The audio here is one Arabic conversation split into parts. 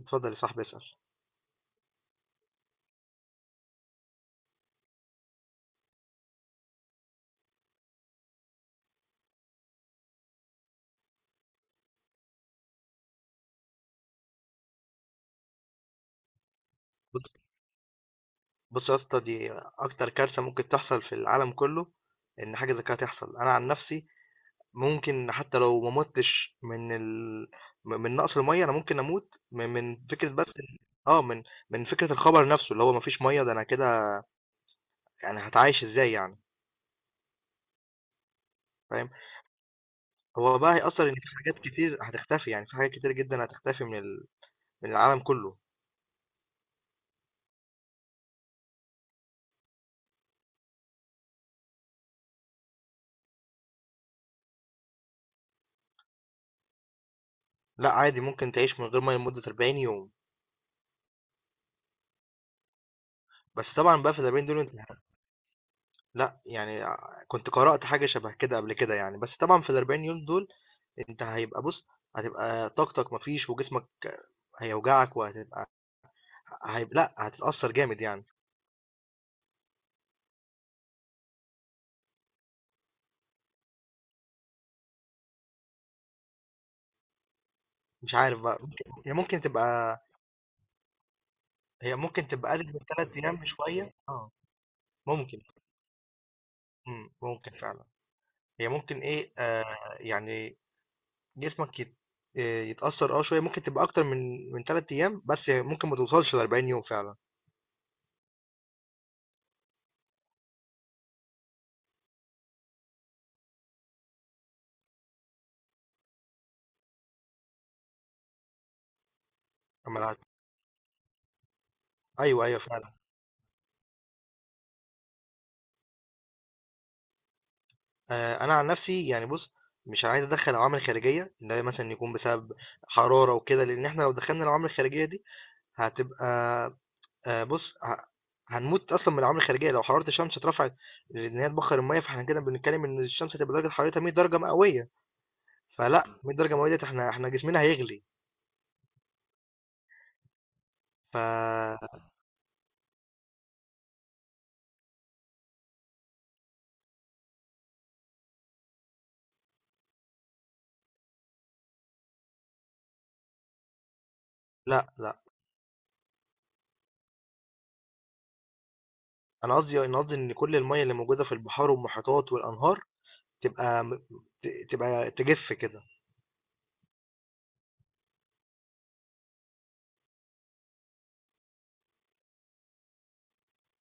اتفضل يا صاحبي اسأل. بص بص يا اسطى، دي اكتر كارثة ممكن تحصل في العالم كله. ان حاجة زي كده تحصل، انا عن نفسي ممكن حتى لو ما متش من نقص المية، انا ممكن اموت من فكرة بس اه من من فكرة الخبر نفسه اللي هو مفيش مية، ده انا كده. يعني هتعايش ازاي يعني؟ فاهم. هو بقى هيأثر ان في حاجات كتير هتختفي، يعني في حاجات كتير جدا هتختفي من العالم كله. لا عادي، ممكن تعيش من غير مية لمدة 40 يوم. بس طبعا بقى في ال 40 دول انت لأ، يعني ع كنت قرأت حاجة شبه كده قبل كده يعني، بس طبعًا في ال40 يوم دول أنت هيبقى بُص، هتبقى طاقتك ما فيش، وجسمك هيوجعك وهتبقى، لأ، هتتأثّر جامد يعني. مش عارف بقى، ممكن هي ممكن تبقى قلِّت من 3 أيام بشوية، آه ممكن، إمم، ممكن فعلًا. هي ممكن إيه، يعني جسمك يت يتأثّر آه شوية، ممكن تبقى أكتر من 3 أيام، بس ممكن ما توصلش ل40 يوم فعلًا. أما العكس- أيوه، أيوه فعلًا. أنا عن نفسي يعني بُص، مش عايز أدخّل عوامل خارجية، اللي هي مثلًا يكون بسبب حرارة وكده، لإن إحنا لو دخّلنا العوامل الخارجية دي هتبقى، بُص، ه هنموت أصلًا من العوامل الخارجية، لو حرارة الشمس اترفعت لإن هي تبخّر المَيّة، فإحنا كده بنتكلم إن الشمس هتبقى درجة حرارتها 100 درجة مئوية. فلأ، 100 درجة مئوية ديّة إحنا جسمنا هيغلي، فلأ، لأ، لا، أنا قصدي إن كل المَيّة اللي موجودة في البحار والمحيطات والأنهار تبقى م ت تبقى تجِف كده.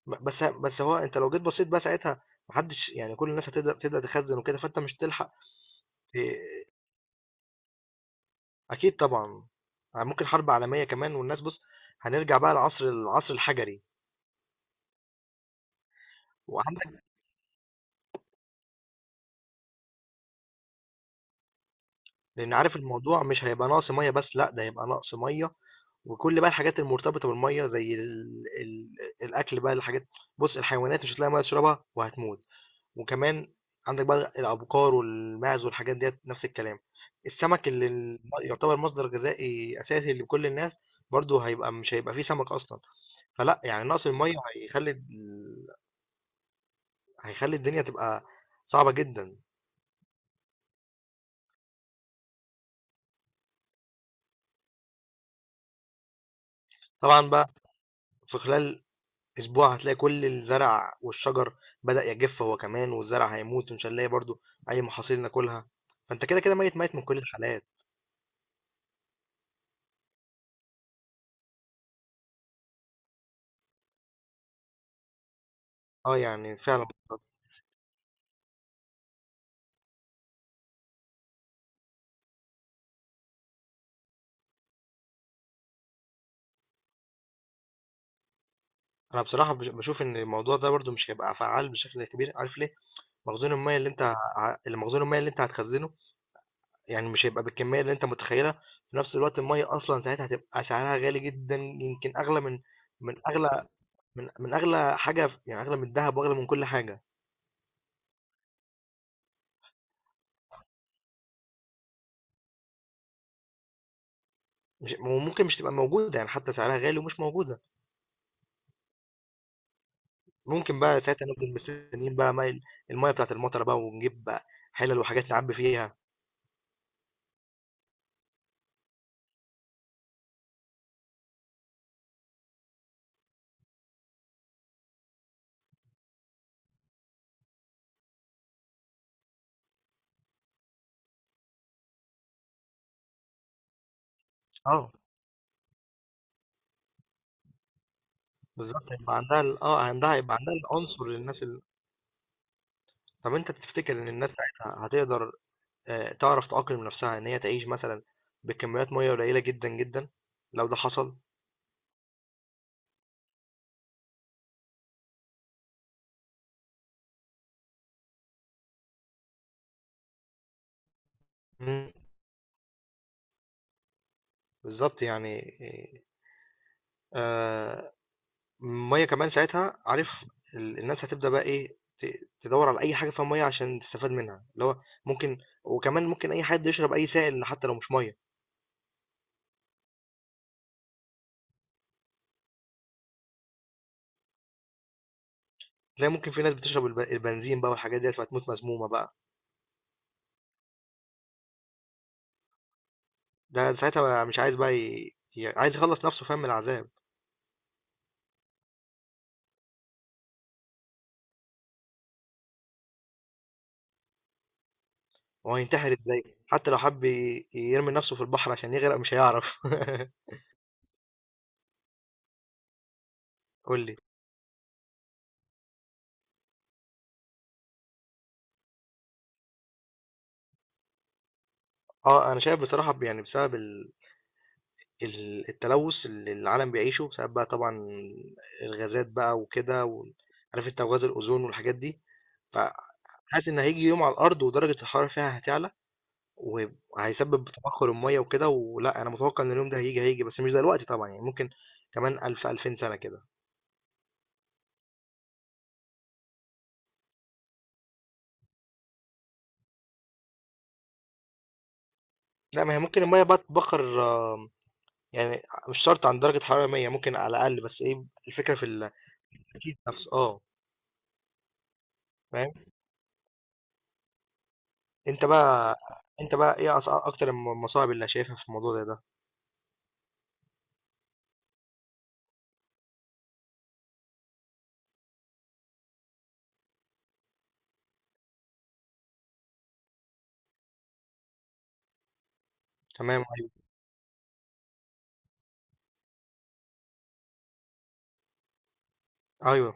بس هو انت لو جيت بصيت بقى ساعتها، محدش يعني، كل الناس هتبدا تخزن وكده، فانت مش تلحق. ت- اكيد طبعا، ممكن حرب عالميه كمان. والناس بص، هنرجع بقى العصر الحجري وعندك. لان عارف الموضوع مش هيبقى نقص ميه بس، لا ده هيبقى نقص ميه وكل بقى الحاجات المرتبطه بالميه زي الاكل بقى الحاجات. بص، الحيوانات مش هتلاقي ميه تشربها وهتموت. وكمان عندك بقى الابقار والماعز والحاجات ديت نفس الكلام. السمك يعتبر مصدر غذائي اساسي لكل الناس، برضه مش هيبقى فيه سمك اصلا. فلا، يعني نقص الميه هيخلي الدنيا تبقى صعبة جدا. طبعا بقى في خلال اسبوع هتلاقي كل الزرع والشجر بدأ يجف هو كمان، والزرع هيموت، ومش هنلاقي برضو اي محاصيل ناكلها، فانت كده كده ميت ميت من كل الحالات. اه يعني فعلا بالظبط. انا بصراحه بشوف ان الموضوع ده برضو مش هيبقى فعال بشكل كبير، عارف ليه؟ مخزون الميه اللي انت ه- المخزون الميه اللي انت هتخزنه يعني مش هيبقى بالكميه اللي انت متخيلها. في نفس الوقت الميه اصلا ساعتها هتبقى سعرها غالي جدا، يمكن اغلى من اغلى من اغلى حاجه، يعني اغلى من الذهب واغلى من كل حاجه. مش وممكن مش تبقى موجوده، يعني حتى سعرها غالي ومش موجوده. ممكن بقى ساعتها نفضل مستنيين بقى المَيّة بتاعة المطرة بقى، ونجيب بقى حِلَل وحاجات نعبّي فيها. آه، بالضبط هيبقى عندها ال آه، عندها هيبقى عندها العنصر للناس طَب أنت تفتكر إن الناس ساعتها هتقدر تعرف تأقلم نَفْسها إن هي تعيش مثلًا بكميات مَيّة قليلة جدًا، جدًا، لو ده حصل؟ إمم، بالضبط يعني. آآ المية كمان ساعتها، عارف، الناس هتبدأ بقى ايه، تدور على اي حاجة فيها مية عشان تستفاد منها، اللي هو ممكن. وكمان ممكن اي حد يشرب اي سائل حتى لو مش مية. تلاقي ممكن في ناس بتشرب البنزين بقى والحاجات ديت، فتموت مسمومة بقى. ده ساعتها بقى مش عايز بقى، عايز يخلص نفسه، فاهم، من العذاب. هو هينتحر ازاي، حتى لو حب يرمي نفسه في البحر عشان يغرق مش هيعرف. قول لي. اه انا شايف بصراحة، يعني بسبب ال... ال التلوث اللي العالم بيعيشه، بسبب بقى طبعًا الغازات بقى وكده، عارف أنت، وغاز الأوزون والحاجات دي. فحاسس إن هييجي يوم على الأرض ودرجة الحرارة فيها هتعلى، وهيسبب تبخر المَيّة وكده. ولأ، أنا متوقع إن اليوم ده هييجي، هييجي بس مش دلوقتي طبعًا، يعني ممكن كمان 1000، 2000 سنة كده. لأ، ما هي ممكن المَيّة بقى تتبخر آه، يعني مش شرط عند درجة حرارة 100، ممكن على الأقل، بس إيه الفكرة في التكييف نفسه، آه. فاهم؟ أنت بقى أنت بقى إيه أكتر المصاعب اللي شايفها في الموضوع زي ده؟ تمام ايوه. ايوه،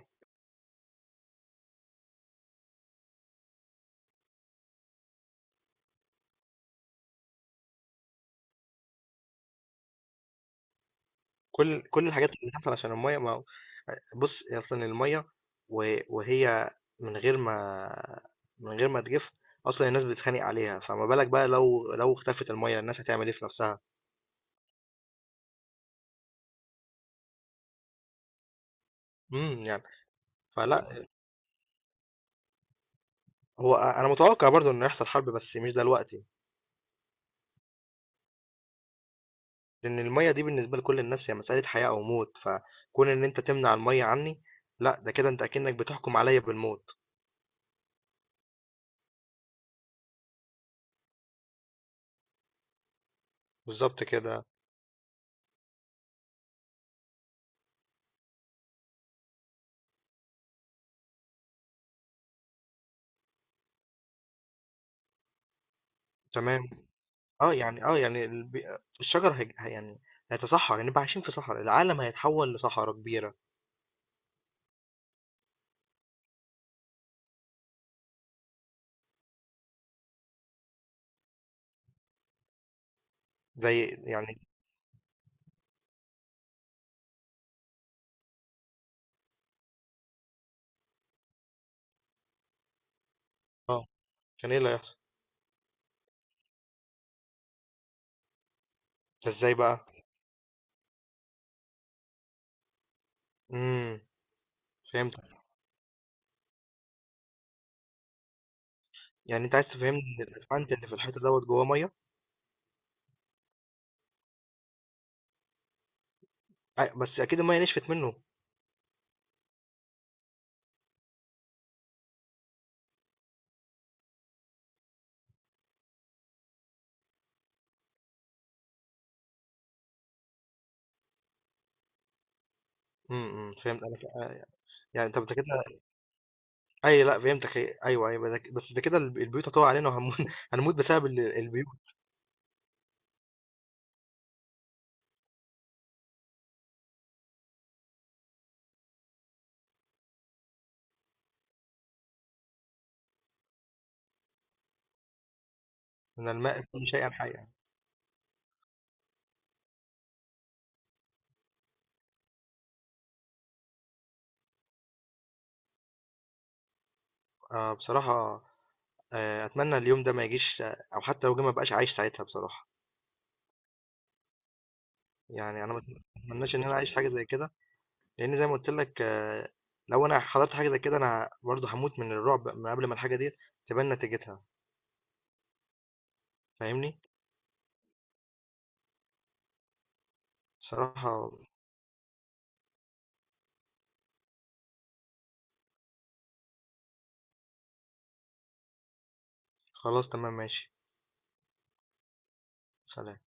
كل الحاجات اللي بتحصل عشان الميه، ما هو- بص اصلا الميه وهي من غير ما من غير ما تجف اصلا الناس بتتخانق عليها، فما بالك بقى لو اختفت الميه، الناس هتعمل ايه في نفسها. يعني فلا، هو انا متوقع برضو انه يحصل حرب، بس مش دلوقتي. لان الميه دي بالنسبه لكل الناس هي مساله حياه او موت، فكون ان انت تمنع الميه عني، لا ده كده انت اكنك بتحكم عليا بالموت. بالظبط كده. تمام. آه، يعني آه، يعني الشجر هيج ه يعني هيتصحّر، هنبقى عايشين في صحرا، العالم هيتحوّل لصحرا كبيرة. زي يعني. آه، كان إيه اللي هيحصل؟ ده إزاي بقى؟ إمم، فهمتك. يعني أنت عايز تفهمني إن الأسفنت اللي في الحيطة دوّة جوّاه مَيّة؟ أ بس أكيد المَيّة نشفت منّه. إمم، إمم، فهمت أنا ك يعني طَب ده كده، أيوه لأ فهمتك، هي أيوه، أيوه، ده ك بس ده كده البيوت هتُقع علينا هنموت بسبب البيوت. إن الماء كل شيء الحي يعني. آه، بصراحة أتمنى اليوم ده ما يجيش، آه، أو حتى لو جه ما ابقاش عايش ساعتها بصراحة. يعني انا ما اتمناش ان انا اعيش حاجه زي كده، لان زي ما قلت لك آه، لو انا حضرت حاجه زي كده انا برضه هموت من الرعب من قبل ما الحاجه دي تبان نتيجتها. فاهمني؟ صراحه. خلاص تمام ماشي. سلام.